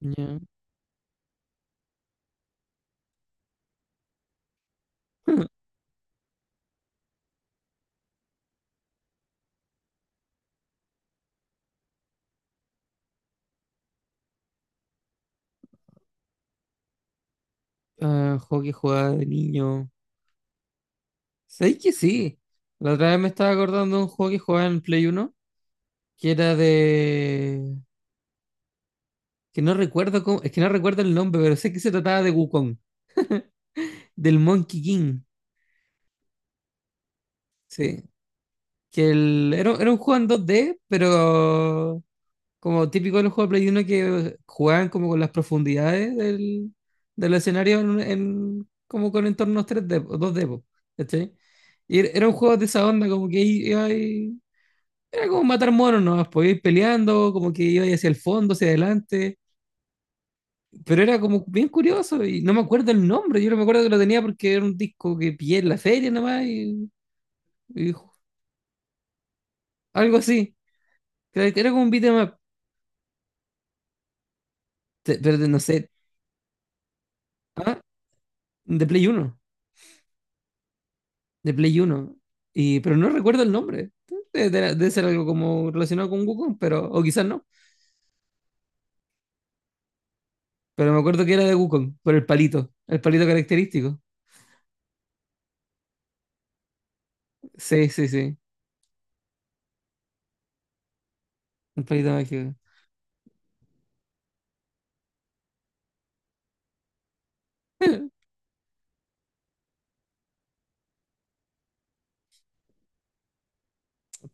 Ya. Juego que jugaba de niño. ¿Sabéis que sí? La otra vez me estaba acordando de un juego que jugaba en Play uno que era de... que no recuerdo cómo... es que no recuerdo el nombre, pero sé que se trataba de Wukong, del Monkey King. Sí. Era un juego en dos d, pero como típico de los juegos de Play uno, que jugaban como con las profundidades del escenario, como con entornos tres d o dos d po, ¿cachai? Y era un juego de esa onda, como que iba ahí. Era como matar monos, ¿no? Podía ir peleando, como que iba hacia el fondo, hacia adelante. Pero era como bien curioso y no me acuerdo el nombre. Yo no me acuerdo que lo tenía porque era un disco que pillé en la feria nada más y algo así. Era como un beatmap, pero no sé. ¿Ah, de Play Uno? De Play Uno. Y, pero no recuerdo el nombre. Debe ser algo como relacionado con Wukong, pero, o quizás no. Pero me acuerdo que era de Wukong, por el palito característico. Sí, sí, sí, el palito mágico.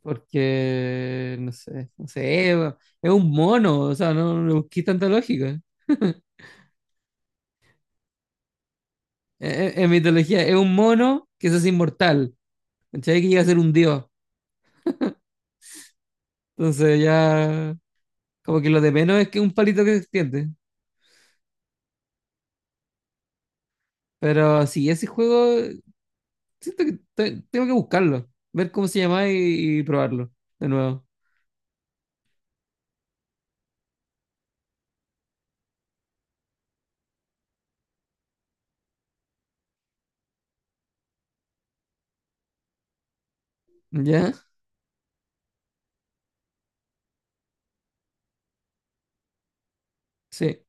Porque, no sé, no sé, es un mono, o sea, no, no busqué tanta lógica. En mitología, es un mono que se hace inmortal, ¿cachai? Que llega a ser un dios. Entonces ya, como que lo de menos es que un palito que se extiende. Pero sí, ese juego, siento que tengo que buscarlo, ver cómo se llama y probarlo de nuevo. ¿Ya? Sí.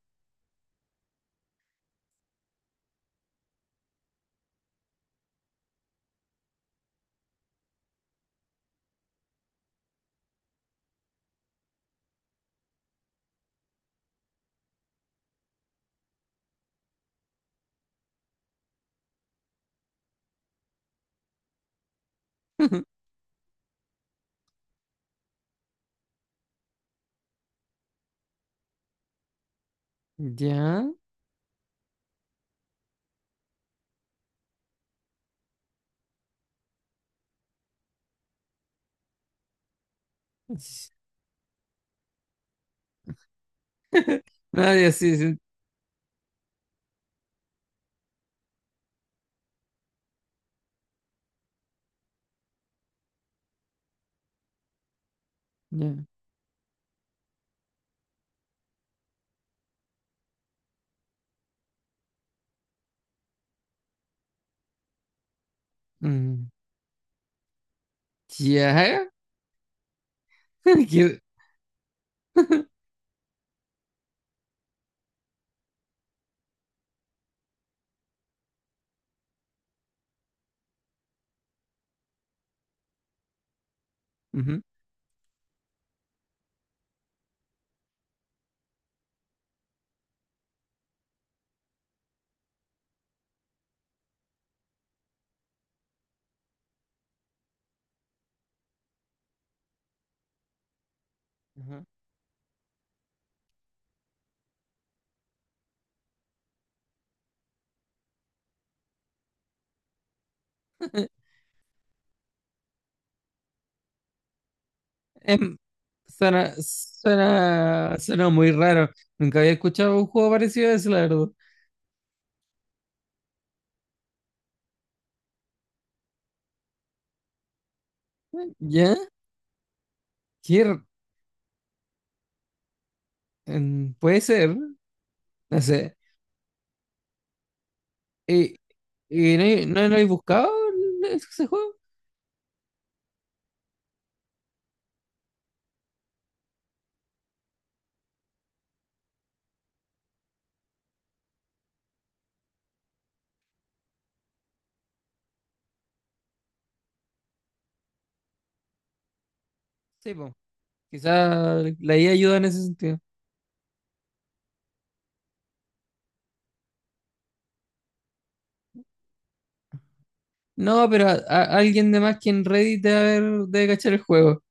¿Ya? Nadie, sí, sí. Ya. Mm. ¿Ya? ¿Qué? Ujú. Ajá. Em, suena, suena, suena muy raro. Nunca había escuchado un juego parecido a ese, la verdad. ¿Ya? ¿Qué r- Puede ser, no sé. ¿Y, y no, no, no hay buscado ese juego? Sí, pues. Quizá la IA ayuda en ese sentido. No, pero alguien de más que en Reddit debe, debe cachar el juego.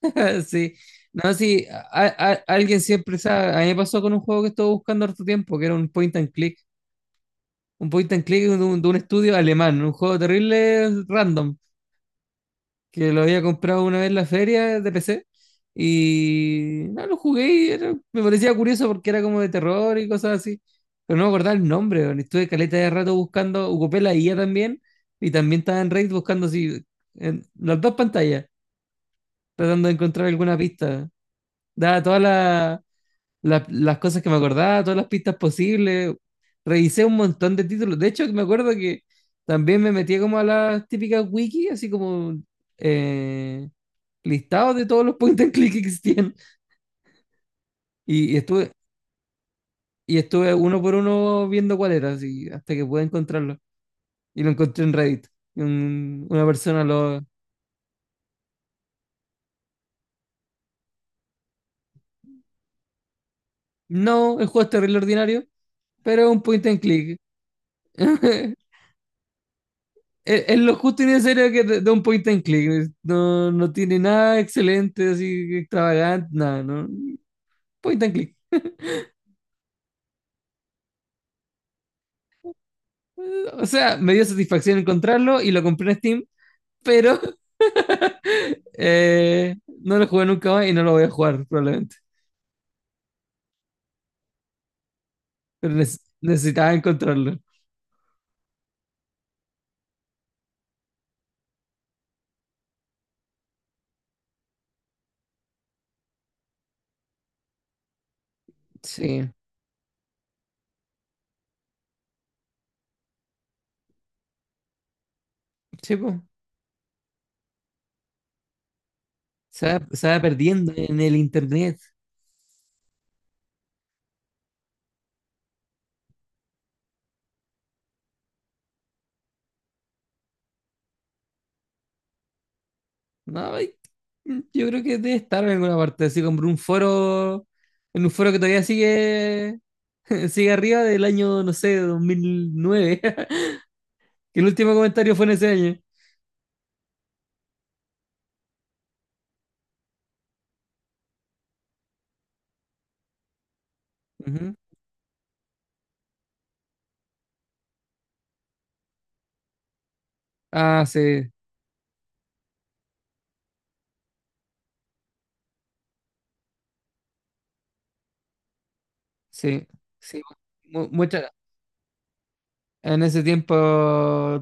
Sí. No, sí, alguien siempre sabe. A mí me pasó con un juego que estuve buscando harto tiempo, que era un point and click. Un point and click de de un estudio alemán, un juego terrible random, que lo había comprado una vez en la feria de PC. Y no, lo jugué y me parecía curioso porque era como de terror y cosas así. Pero no me acordaba el nombre, weón. Estuve caleta de rato buscando, ocupé la IA también. Y también estaba en Raid buscando así, en las dos pantallas, tratando de encontrar alguna pista. Daba todas las las cosas que me acordaba, todas las pistas posibles. Revisé un montón de títulos. De hecho, me acuerdo que también me metía como a las típicas wiki, así como eh, listados de todos los point and click que existían. Y, y estuve, y estuve uno por uno viendo cuál era, así, hasta que pude encontrarlo. Y lo encontré en Reddit. Y una persona lo... No, el juego es terrible ordinario, pero es un point and click. Es lo justo y necesario que de un point and click. No, no tiene nada excelente, así extravagante, nada, ¿no? Point and click. O sea, me dio satisfacción encontrarlo y lo compré en Steam, pero eh, no lo jugué nunca más y no lo voy a jugar probablemente. Pero necesitaba encontrarlo. Sí, sí, po. Se va perdiendo en el internet. No, ay, yo creo que debe estar en alguna parte. Así compré un foro, en un foro que todavía sigue, sigue arriba del año, no sé, 2009. Que el último comentario fue en ese año. Ujú. Ah, sí, sí, sí. Mu- mucha- En ese tiempo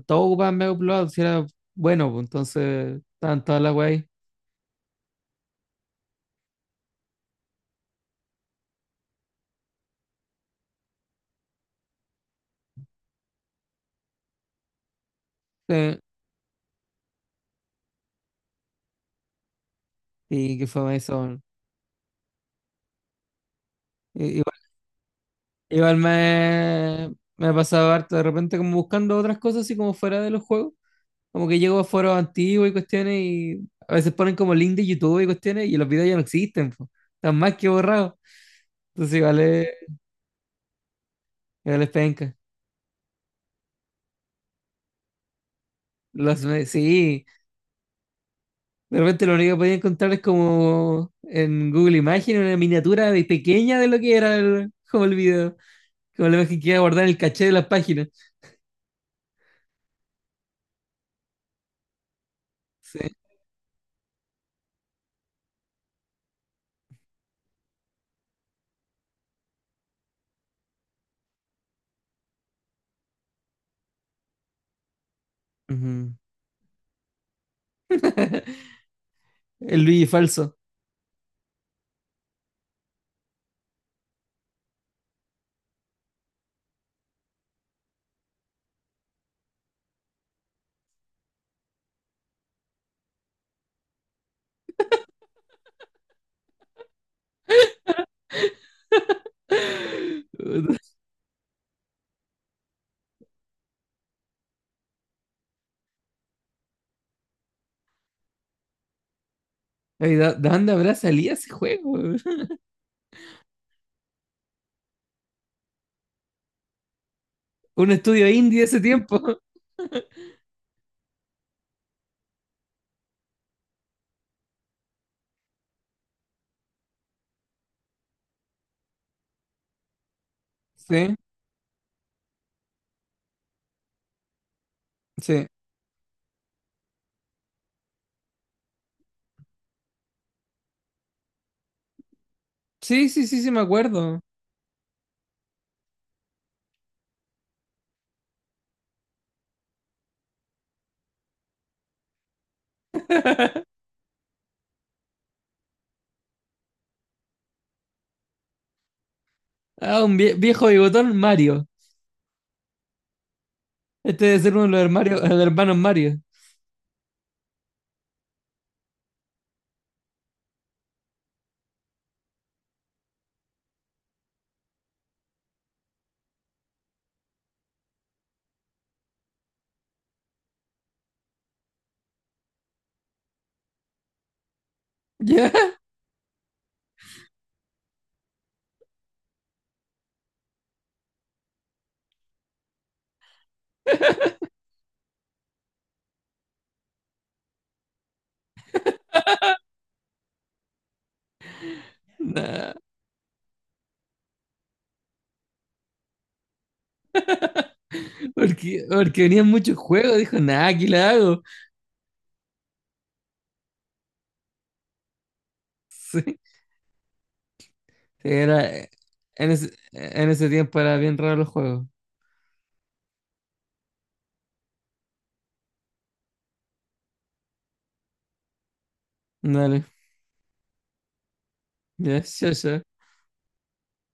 todo ocupaban Mega Upload, si era bueno, pues, entonces estaban todas las weas ahí. Sí. Y que fue eso. Igual, igual me, me pasaba harto de repente como buscando otras cosas así como fuera de los juegos. Como que llego a foros antiguos y cuestiones y a veces ponen como link de YouTube y cuestiones y los videos ya no existen, pues. Están más que borrados. Entonces igual es penca. Los, sí. De repente lo único que podía encontrar es como en Google Imagen una miniatura de pequeña de lo que era el, como el video, como la imagen que iba a guardar en el caché de las páginas. Sí. Ujú. El Luigi falso. Ay, ¿de de dónde habrá salido ese juego? Un estudio indie de ese tiempo. Sí, sí. Sí, sí, sí, sí, me acuerdo. Ah, un viejo bigotón Mario. Este debe ser uno de los de los hermanos Mario. Ya, nah, porque, porque venían muchos juegos. Dijo, nada, aquí la hago. Sí. Sí, era, en ese tiempo era bien raro los juegos. Dale, ya, ya, ya.